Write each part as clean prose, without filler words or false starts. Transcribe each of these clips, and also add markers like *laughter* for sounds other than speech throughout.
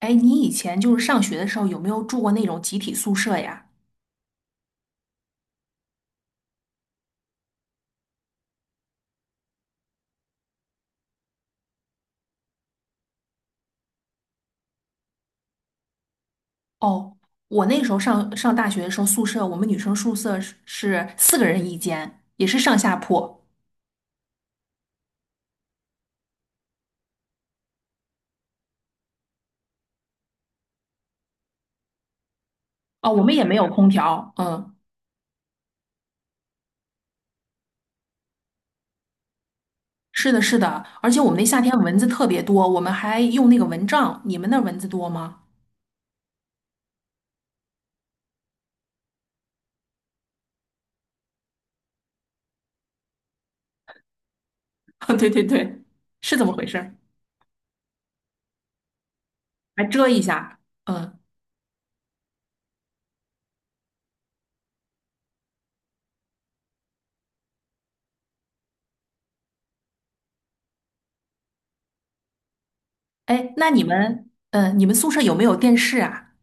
哎，你以前就是上学的时候有没有住过那种集体宿舍呀？哦，我那时候上大学的时候，宿舍我们女生宿舍是四个人一间，也是上下铺。哦，我们也没有空调。嗯，是的，是的，而且我们那夏天蚊子特别多，我们还用那个蚊帐。你们那儿蚊子多吗？*laughs* 对对对，是怎么回事还遮一下。嗯，哎，那你们，你们宿舍有没有电视啊？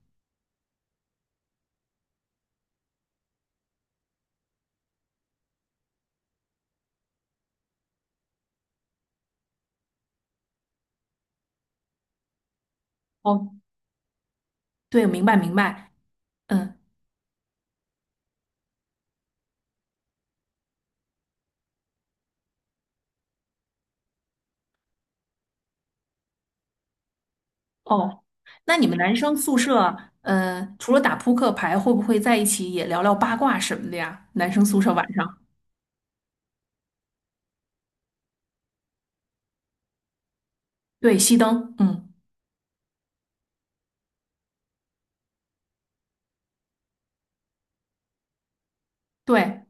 哦，对，明白明白。嗯。哦，那你们男生宿舍，除了打扑克牌，会不会在一起也聊聊八卦什么的呀？男生宿舍晚上，对，熄灯，嗯，对，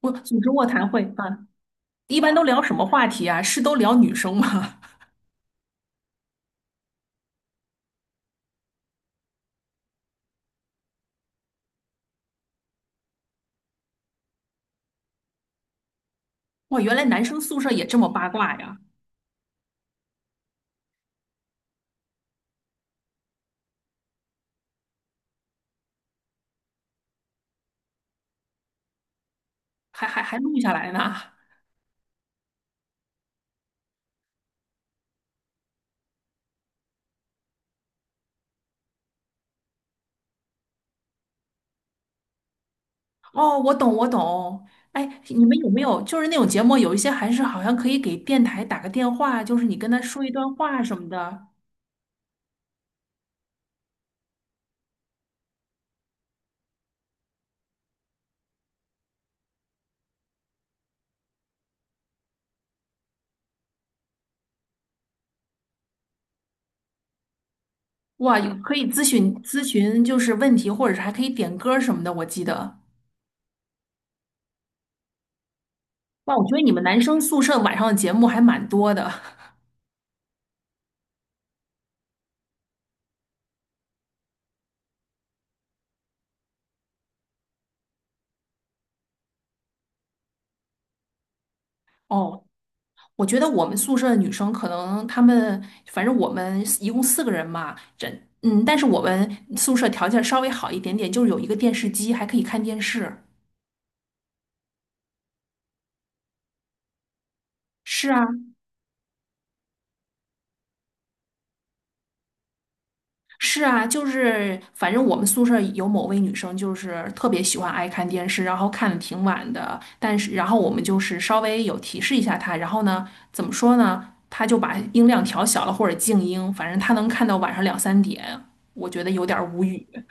我组织卧谈会啊，一般都聊什么话题啊？是都聊女生吗？*laughs* 哇，原来男生宿舍也这么八卦呀，还录下来呢。哦，我懂，我懂。哎，你们有没有就是那种节目，有一些还是好像可以给电台打个电话，就是你跟他说一段话什么的，哇，有可以咨询咨询，就是问题，或者是还可以点歌什么的。我记得，哇，我觉得你们男生宿舍晚上的节目还蛮多的。*laughs* 哦，我觉得我们宿舍的女生可能她们，反正我们一共四个人嘛，这但是我们宿舍条件稍微好一点点，就是有一个电视机，还可以看电视。是啊，是啊，就是反正我们宿舍有某位女生，就是特别喜欢爱看电视，然后看的挺晚的。但是，然后我们就是稍微有提示一下她，然后呢，怎么说呢？她就把音量调小了或者静音，反正她能看到晚上两三点，我觉得有点儿无语。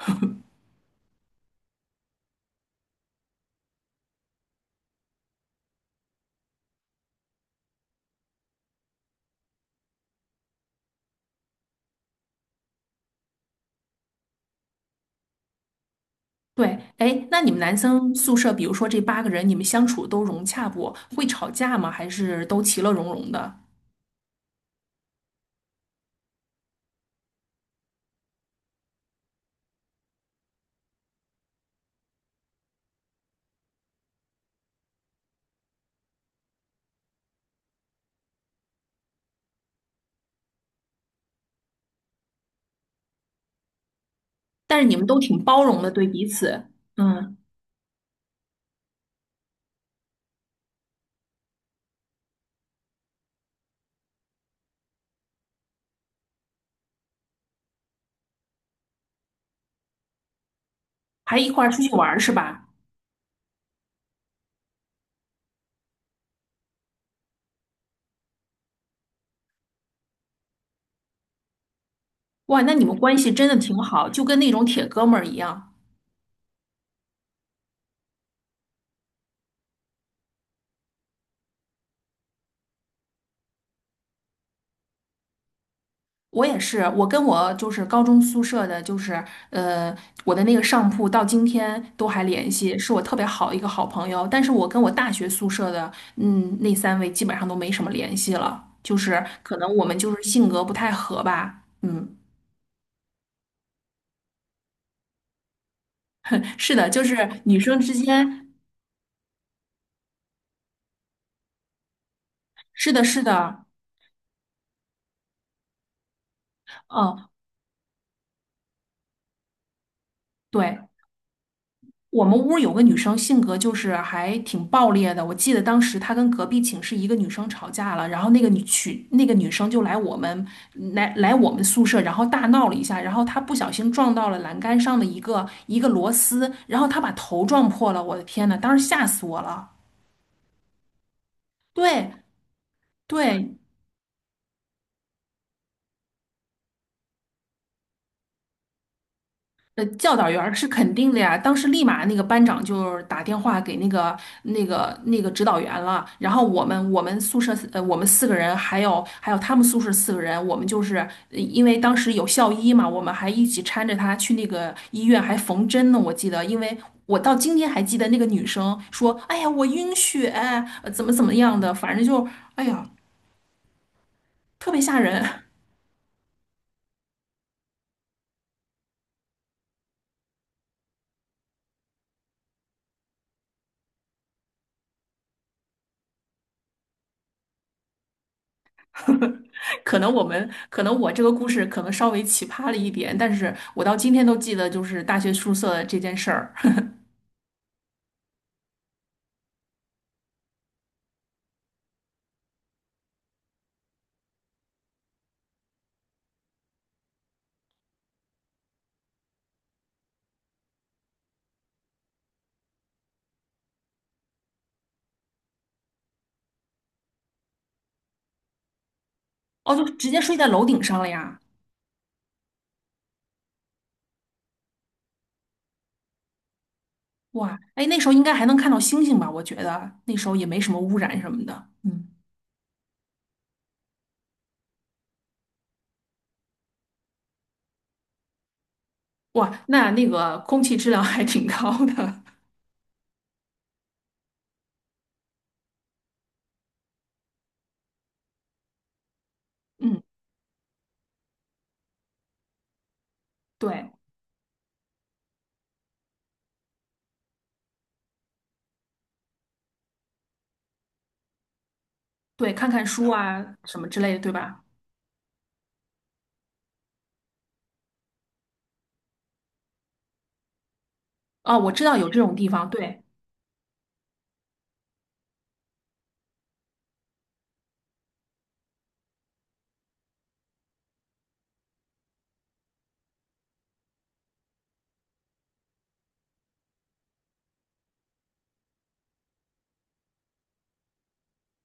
对，哎，那你们男生宿舍，比如说这八个人，你们相处都融洽不？会吵架吗？还是都其乐融融的？但是你们都挺包容的，对彼此，嗯，还一块儿出去玩儿是吧？哇，那你们关系真的挺好，就跟那种铁哥们儿一样。我也是，我跟我就是高中宿舍的，就是呃，我的那个上铺到今天都还联系，是我特别好的一个好朋友。但是我跟我大学宿舍的，那三位基本上都没什么联系了，就是可能我们就是性格不太合吧。嗯，*laughs* 是的，就是女生之间，是的，是的，嗯，对。我们屋儿有个女生，性格就是还挺暴烈的。我记得当时她跟隔壁寝室一个女生吵架了，然后那个女去那个女生就来我们宿舍，然后大闹了一下，然后她不小心撞到了栏杆上的一个螺丝，然后她把头撞破了。我的天呐，当时吓死我了！对对，教导员儿是肯定的呀。当时立马那个班长就是打电话给那个指导员了。然后我们宿舍我们四个人，还有他们宿舍四个人，我们就是因为当时有校医嘛，我们还一起搀着他去那个医院还缝针呢。我记得，因为我到今天还记得那个女生说：“哎呀，我晕血，怎么样的，反正就哎呀，特别吓人。” *laughs* 可能我这个故事可能稍微奇葩了一点，但是我到今天都记得就是大学宿舍这件事儿。哦，就直接睡在楼顶上了呀！哇，哎，那时候应该还能看到星星吧？我觉得那时候也没什么污染什么的。嗯，哇，那个空气质量还挺高的。*laughs* 嗯，对对，看看书啊什么之类的，对吧？哦，我知道有这种地方，对。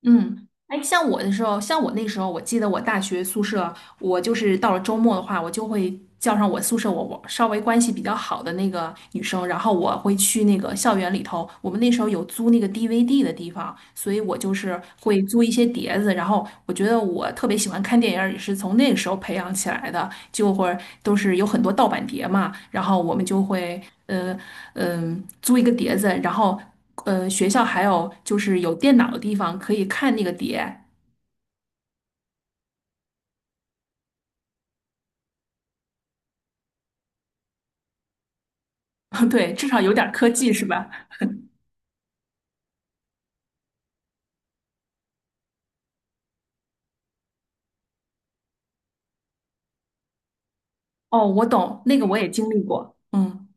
嗯，哎，像我那时候，我记得我大学宿舍，我就是到了周末的话，我就会叫上我宿舍我稍微关系比较好的那个女生，然后我会去那个校园里头，我们那时候有租那个 DVD 的地方，所以我就是会租一些碟子，然后我觉得我特别喜欢看电影儿，也是从那个时候培养起来的，就会都是有很多盗版碟嘛，然后我们就会呃租一个碟子，然后。学校还有就是有电脑的地方可以看那个碟，*laughs* 对，至少有点儿科技是吧？哦，我懂，那个我也经历过。嗯，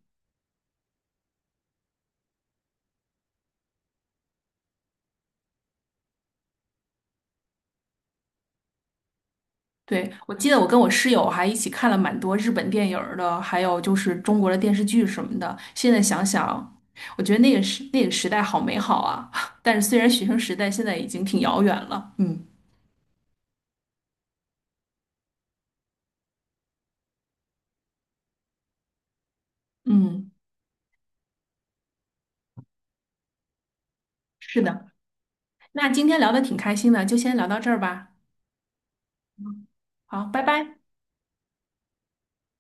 对，我记得我跟我室友还一起看了蛮多日本电影儿的，还有就是中国的电视剧什么的。现在想想，我觉得那个时代好美好啊！*laughs* 但是虽然学生时代现在已经挺遥远了，嗯嗯，是的。那今天聊的挺开心的，就先聊到这儿吧。好，拜拜。